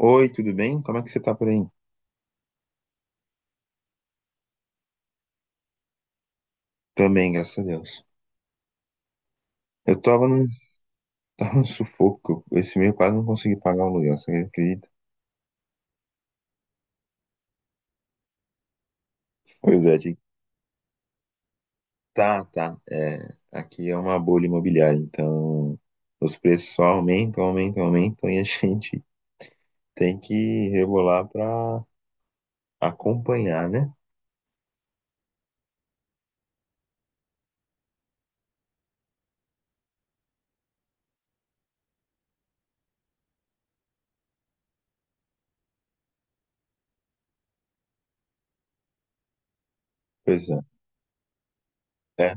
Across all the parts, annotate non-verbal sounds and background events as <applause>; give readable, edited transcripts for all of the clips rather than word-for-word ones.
Oi, tudo bem? Como é que você tá por aí? Também, graças a Deus. Eu tava num, <laughs> tava num sufoco. Esse mês eu quase não consegui pagar o aluguel, você acredita? Pois é, gente. Tá, tá. É, aqui é uma bolha imobiliária, então os preços só aumentam, aumentam, aumentam e a <laughs> gente tem que rebolar pra acompanhar, né? Pois é. É.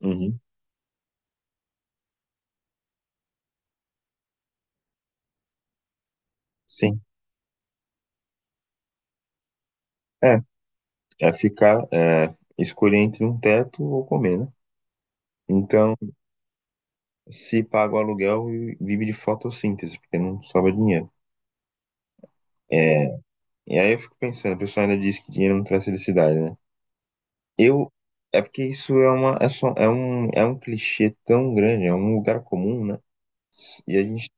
Uhum. Sim. É. É ficar, escolher entre um teto ou comer, né? Então, se paga o aluguel, vive de fotossíntese, porque não sobra dinheiro. É, e aí eu fico pensando, o pessoal ainda diz que dinheiro não traz felicidade, né? Eu, é porque isso é uma, é um clichê tão grande, é um lugar comum, né? E a gente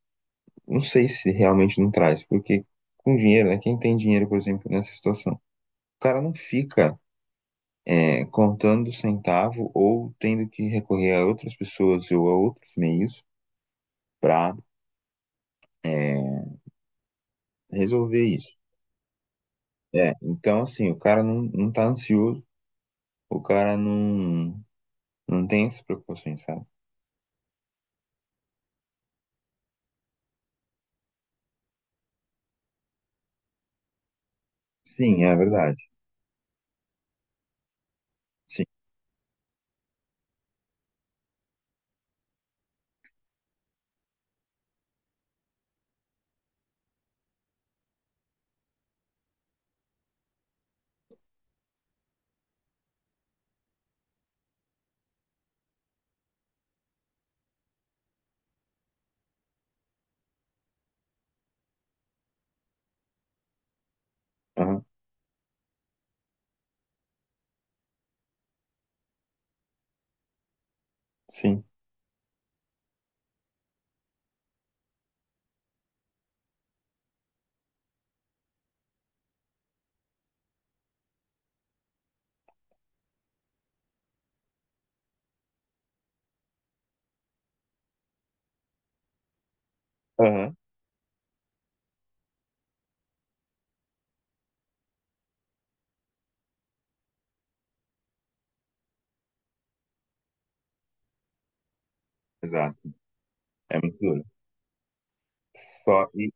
não sei se realmente não traz, porque com dinheiro, né? Quem tem dinheiro, por exemplo, nessa situação, o cara não fica contando centavo ou tendo que recorrer a outras pessoas ou a outros meios para resolver isso. É, então assim, o cara não, não tá ansioso, o cara não não tem essas preocupações, sabe? Sim, é verdade. Sim. Aham, sim. Aham, exato. É muito duro. Só, e,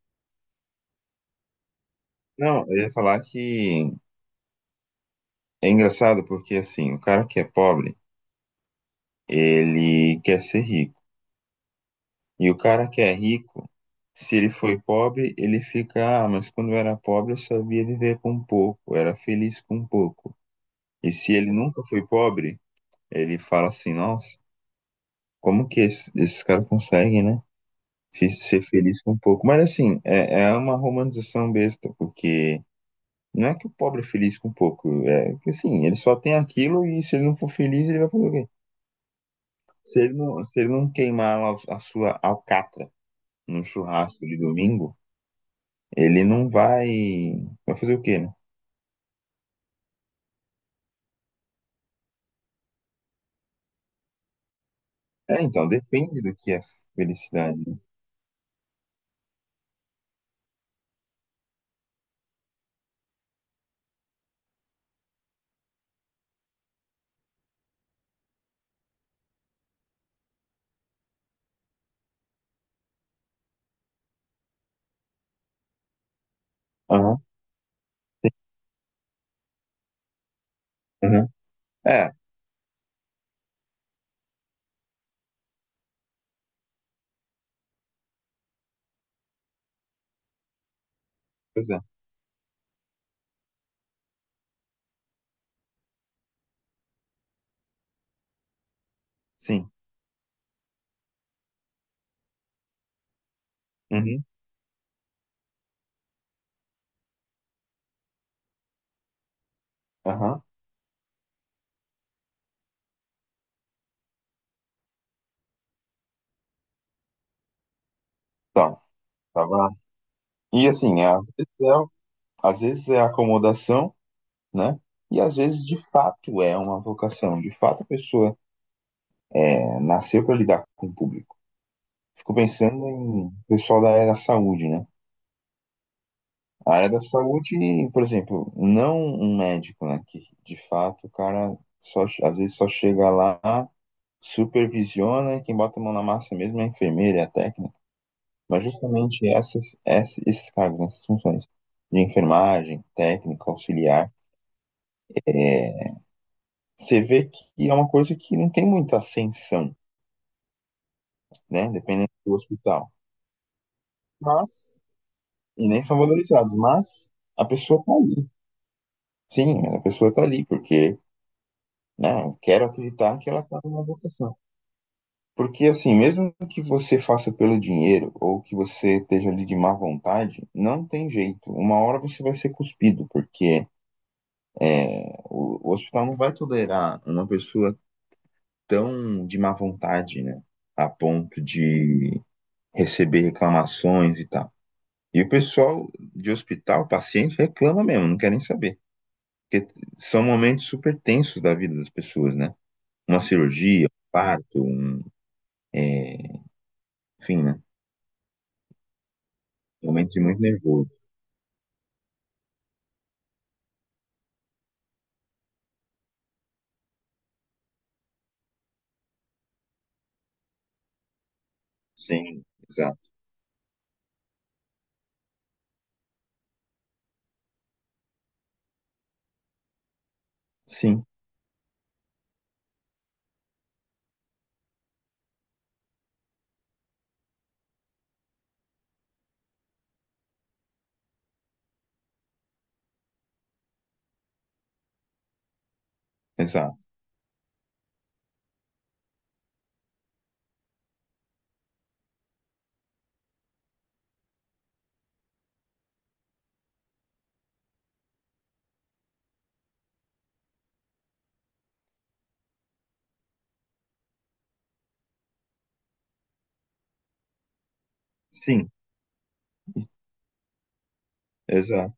não, eu ia falar que é engraçado porque, assim, o cara que é pobre, ele quer ser rico. E o cara que é rico, se ele foi pobre, ele fica, ah, mas quando eu era pobre eu sabia viver com pouco, eu era feliz com pouco. E se ele nunca foi pobre, ele fala assim, nossa, como que esses caras conseguem, né? Fiz ser feliz com pouco. Mas assim, é, é uma romantização besta, porque não é que o pobre é feliz com pouco, é que assim, ele só tem aquilo e se ele não for feliz, ele vai fazer o quê? Se ele não queimar a sua alcatra no churrasco de domingo, ele não vai. Vai fazer o quê, né? É, então, depende do que é felicidade. Aham, aham. É, pois é, sim. Uhum, aham. Tá, tá bom. E assim, às vezes é acomodação. Né? E às vezes, de fato, é uma vocação, de fato a pessoa é, nasceu para lidar com o público. Fico pensando em pessoal da área da saúde, né? A área da saúde, por exemplo, não um médico, né? Que de fato o cara só, às vezes só chega lá, supervisiona e quem bota a mão na massa mesmo é a enfermeira, é a técnica. Mas justamente esses cargos, né? Essas funções de enfermagem, técnica, auxiliar, é, você vê que é uma coisa que não tem muita ascensão, né? Dependendo do hospital. Mas, e nem são valorizados, mas a pessoa tá ali. Sim, a pessoa tá ali, porque, né? Eu quero acreditar que ela tá numa vocação. Porque, assim, mesmo que você faça pelo dinheiro ou que você esteja ali de má vontade, não tem jeito. Uma hora você vai ser cuspido, porque o hospital não vai tolerar uma pessoa tão de má vontade, né? A ponto de receber reclamações e tal. E o pessoal de hospital, paciente, reclama mesmo, não quer nem saber. Porque são momentos super tensos da vida das pessoas, né? Uma cirurgia, um parto, um, é, enfim, né? Momentos de muito nervoso. Sim, exato. Sim, exato. Sim, exato.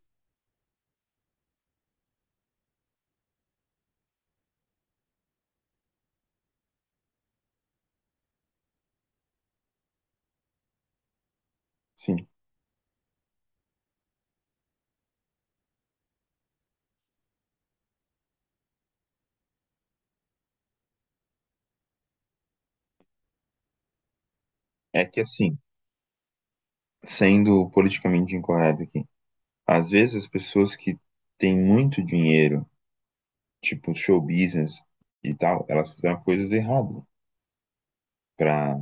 Sim. É que assim, sendo politicamente incorreto aqui, às vezes as pessoas que têm muito dinheiro, tipo show business e tal, elas fizeram coisas erradas para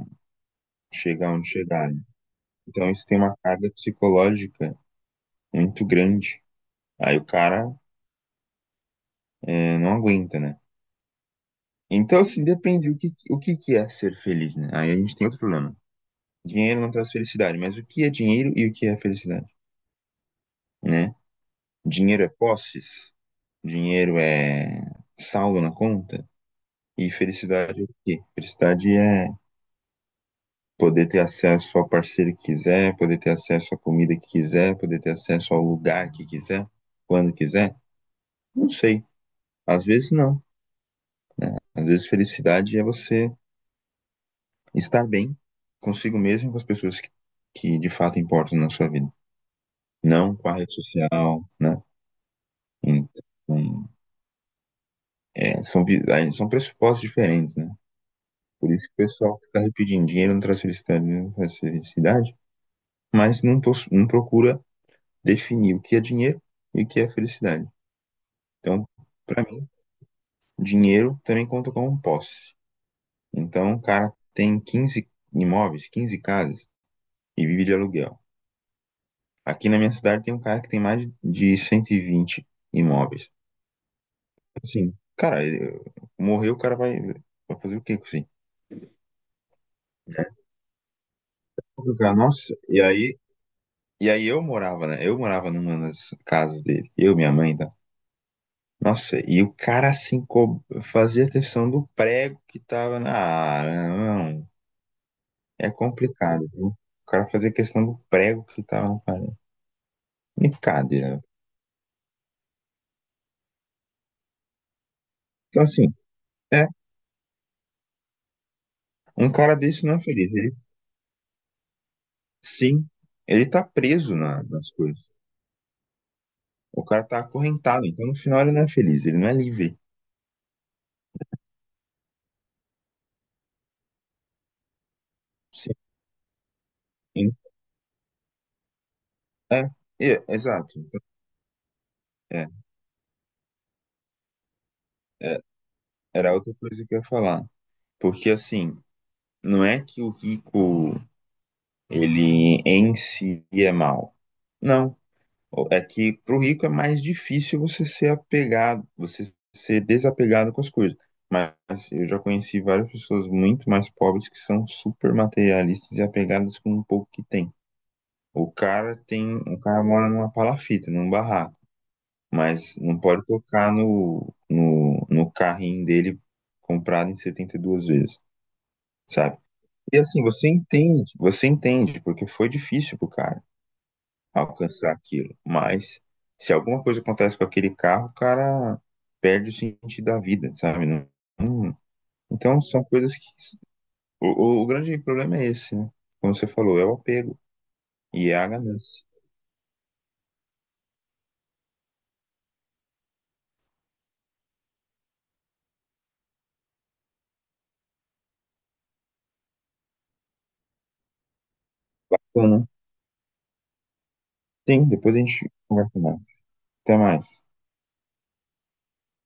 chegar onde chegaram. Então isso tem uma carga psicológica muito grande. Aí o cara não aguenta, né? Então, assim, depende o que, que é ser feliz, né? Aí a gente tem outro problema. Dinheiro não traz felicidade, mas o que é dinheiro e o que é felicidade, né? Dinheiro é posses, dinheiro é saldo na conta, e felicidade é o quê? Felicidade é poder ter acesso ao parceiro que quiser, poder ter acesso à comida que quiser, poder ter acesso ao lugar que quiser, quando quiser. Não sei. Às vezes não. Às vezes felicidade é você estar bem consigo mesmo e com as pessoas que de fato importam na sua vida, não com a rede social, né? Então, é, são, vi- aí são pressupostos diferentes, né? Por isso que o pessoal que está pedindo dinheiro não traz felicidade, não traz felicidade, mas não, pos- não procura definir o que é dinheiro e o que é felicidade. Então, para mim, dinheiro também conta como posse. Então, o cara tem 15 imóveis, 15 casas e vive de aluguel. Aqui na minha cidade tem um cara que tem mais de 120 imóveis. Assim, cara, ele morreu, o cara vai, vai fazer o quê com isso? Aí? É complicado. Nossa, e aí eu morava, né? Eu morava numa das casas dele, eu, minha mãe, tá? Nossa, e o cara assim fazia questão do prego que tava na área. Não, é complicado, viu? O cara fazia questão do prego que tava na parede. Brincadeira. Então, assim, é, um cara desse não é feliz. Ele Sim, ele tá preso nas coisas. O cara tá acorrentado, então no final ele não é feliz, ele não é livre. Sim, é, exato. Então, é, é, era outra coisa que eu ia falar. Porque assim, não é que o rico, ele em si é mau. Não. O- É que pro rico é mais difícil você ser apegado, você ser desapegado com as coisas. Mas eu já conheci várias pessoas muito mais pobres que são super materialistas e apegadas com o pouco que têm. O cara tem, o cara mora numa palafita, num barraco, mas não pode tocar no carrinho dele comprado em 72 vezes, sabe? E assim, você entende, porque foi difícil pro cara alcançar aquilo, mas se alguma coisa acontece com aquele carro, o cara perde o sentido da vida, sabe? Não- então são coisas que o, o grande problema é esse, né? Como você falou, é o apego e é a ganância. Então, né? Sim, depois a gente conversa mais. Até mais.